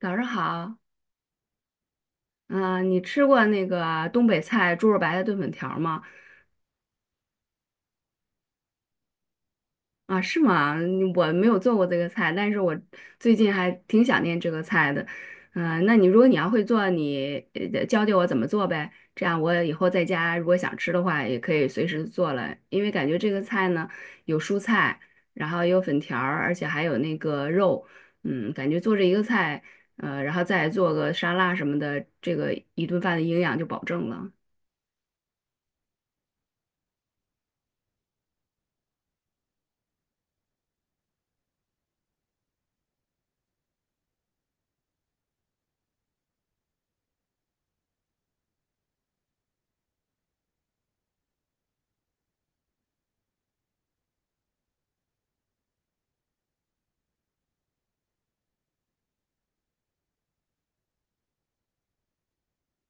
早上好，嗯、你吃过那个东北菜猪肉白菜炖粉条吗？啊，是吗？嗯我没有做过这个菜，但是我最近还挺想念这个菜的。那你如果你要会做，你教教我怎么做呗，这样我以后在家如果想吃的话，也可以随时做了。因为感觉这个菜呢，有蔬菜，然后有粉条儿，而且还有那个肉，感觉做这一个菜，然后再做个沙拉什么的，这个一顿饭的营养就保证了。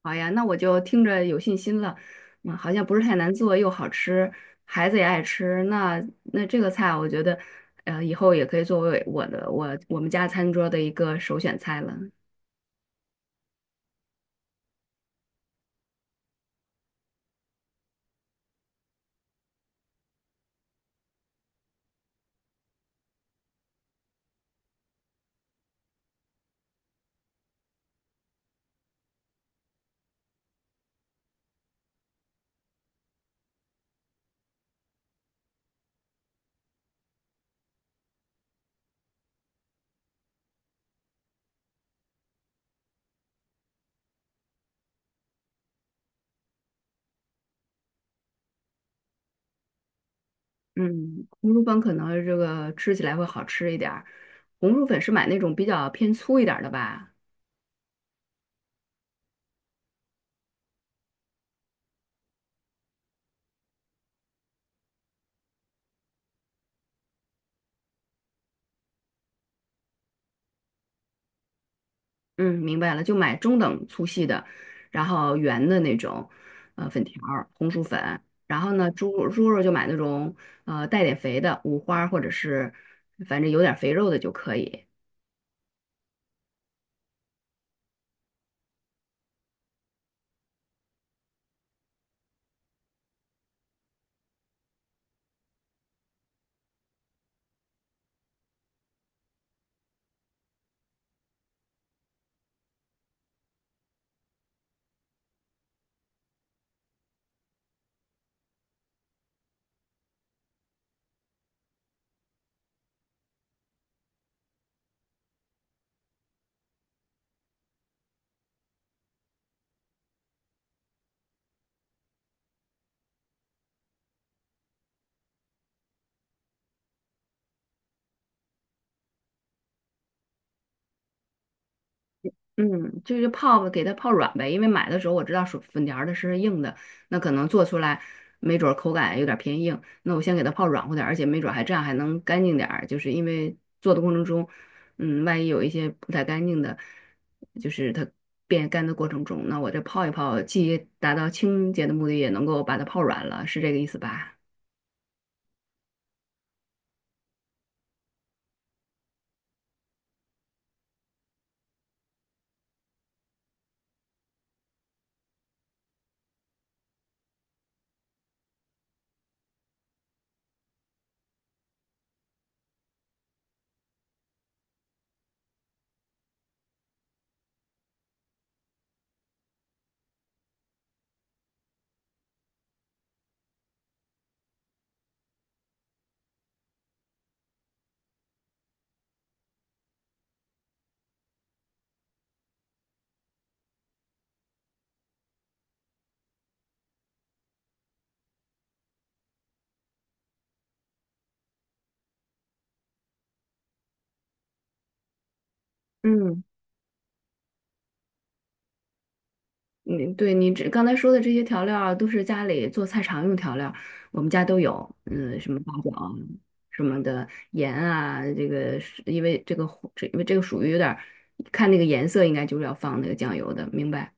好呀，那我就听着有信心了。嗯，好像不是太难做，又好吃，孩子也爱吃。那这个菜啊，我觉得，以后也可以作为我的我我们家餐桌的一个首选菜了。嗯，红薯粉可能这个吃起来会好吃一点儿。红薯粉是买那种比较偏粗一点儿的吧？嗯，明白了，就买中等粗细的，然后圆的那种，粉条儿红薯粉。然后呢，猪肉就买那种，带点肥的，五花或者是反正有点肥肉的就可以。嗯，就是泡给它泡软呗，因为买的时候我知道薯粉条儿的是硬的，那可能做出来没准儿口感有点儿偏硬，那我先给它泡软乎点儿，而且没准儿还这样还能干净点儿，就是因为做的过程中，嗯，万一有一些不太干净的，就是它变干的过程中，那我这泡一泡，既达到清洁的目的，也能够把它泡软了，是这个意思吧？嗯。你对你这刚才说的这些调料啊，都是家里做菜常用调料我们家都有，嗯，什么八角啊什么的盐啊，这个是因为这个火这因为这个属于有点儿看那个颜色，应该就是要放那个酱油的，明白？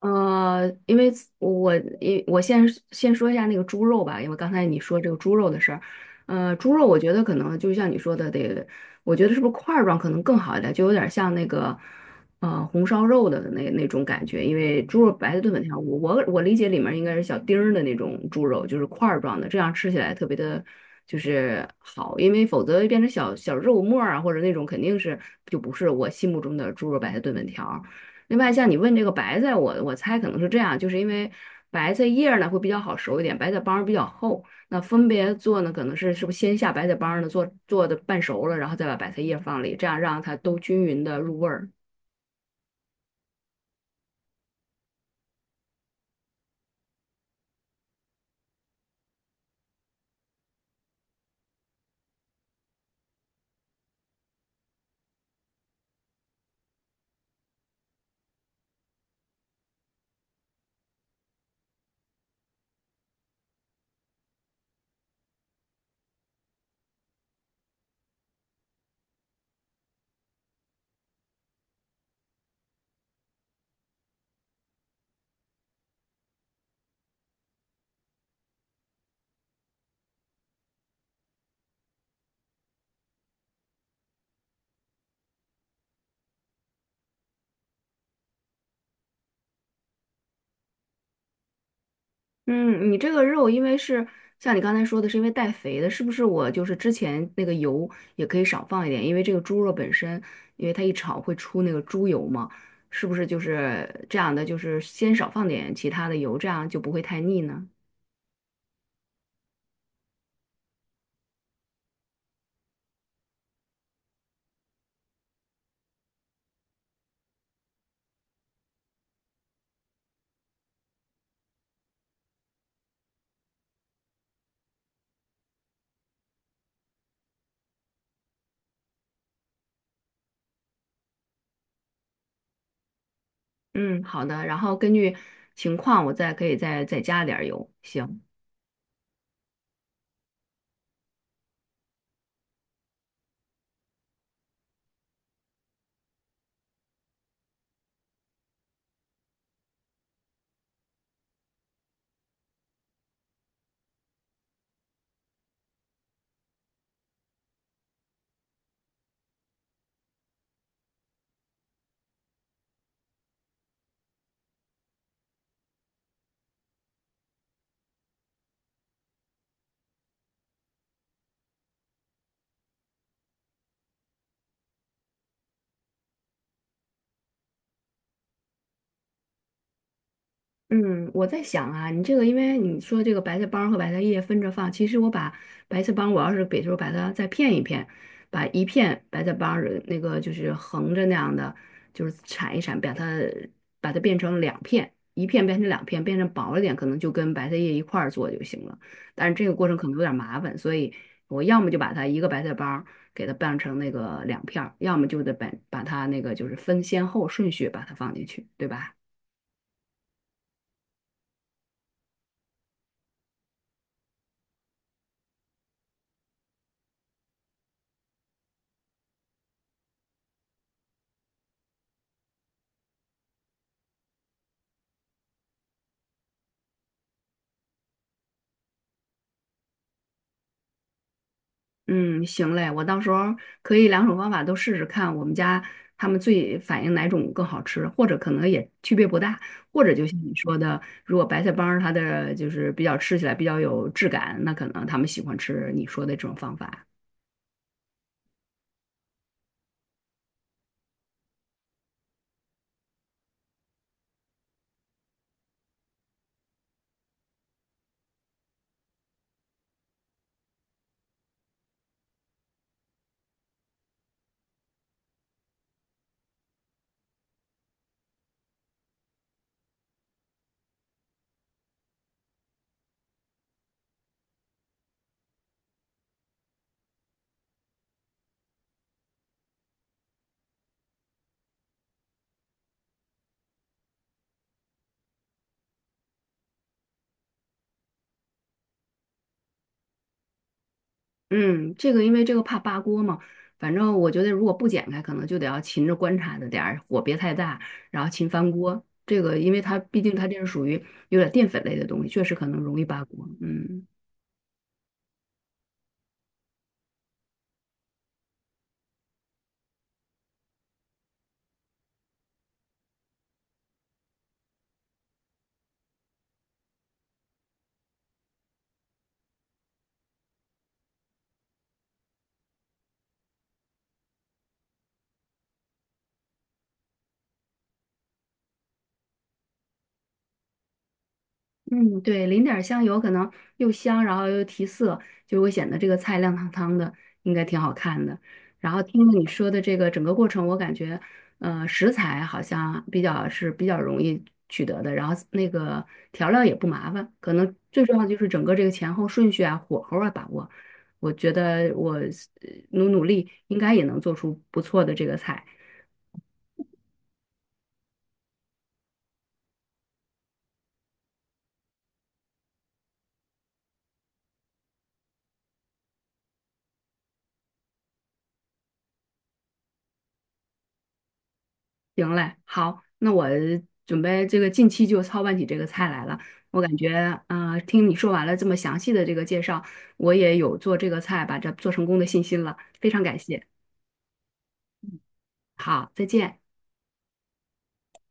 呃，因为我因我先先说一下那个猪肉吧，因为刚才你说这个猪肉的事儿，猪肉我觉得可能就像你说的，得，我觉得是不是块儿状可能更好一点，就有点像那个红烧肉的那种感觉，因为猪肉白菜炖粉条，我理解里面应该是小丁儿的那种猪肉，就是块儿状的，这样吃起来特别的。就是好，因为否则变成小小肉末儿啊，或者那种肯定是就不是我心目中的猪肉白菜炖粉条儿。另外，像你问这个白菜，我猜可能是这样，就是因为白菜叶儿呢会比较好熟一点，白菜帮儿比较厚。那分别做呢，可能是是不是先下白菜帮儿呢做的半熟了，然后再把白菜叶放里，这样让它都均匀的入味儿。嗯，你这个肉因为是像你刚才说的，是因为带肥的，是不是我就是之前那个油也可以少放一点，因为这个猪肉本身，因为它一炒会出那个猪油嘛，是不是就是这样的，就是先少放点其他的油，这样就不会太腻呢？嗯，好的，然后根据情况我再可以再加点儿油。行，嗯，我在想啊，你这个，因为你说这个白菜帮和白菜叶分着放，其实我把白菜帮，我要是比如说把它再片一片，把一片白菜帮儿那个就是横着那样的，就是铲一铲，把它变成两片，一片变成两片，变成薄了点，可能就跟白菜叶一块儿做就行了。但是这个过程可能有点儿麻烦，所以我要么就把它一个白菜帮儿给它拌成那个两片儿，要么就得把它那个就是分先后顺序把它放进去，对吧？嗯，行嘞，我到时候可以两种方法都试试看，我们家他们最反映哪种更好吃，或者可能也区别不大，或者就像你说的，如果白菜帮儿它的就是比较吃起来比较有质感，那可能他们喜欢吃你说的这种方法。嗯，这个因为这个怕扒锅嘛，反正我觉得如果不剪开，可能就得要勤着观察着点儿，火别太大，然后勤翻锅。这个因为它毕竟它这是属于有点淀粉类的东西，确实可能容易扒锅。嗯。嗯，对，淋点儿香油，可能又香，然后又提色，就会显得这个菜亮堂堂的，应该挺好看的。然后听了你说的这个整个过程，我感觉，食材好像比较是比较容易取得的，然后那个调料也不麻烦，可能最重要的就是整个这个前后顺序啊、火候啊把握。我觉得我努努力，应该也能做出不错的这个菜。行嘞，好，那我准备这个近期就操办起这个菜来了。我感觉，听你说完了这么详细的这个介绍，我也有做这个菜把这做成功的信心了，非常感谢。好，再见。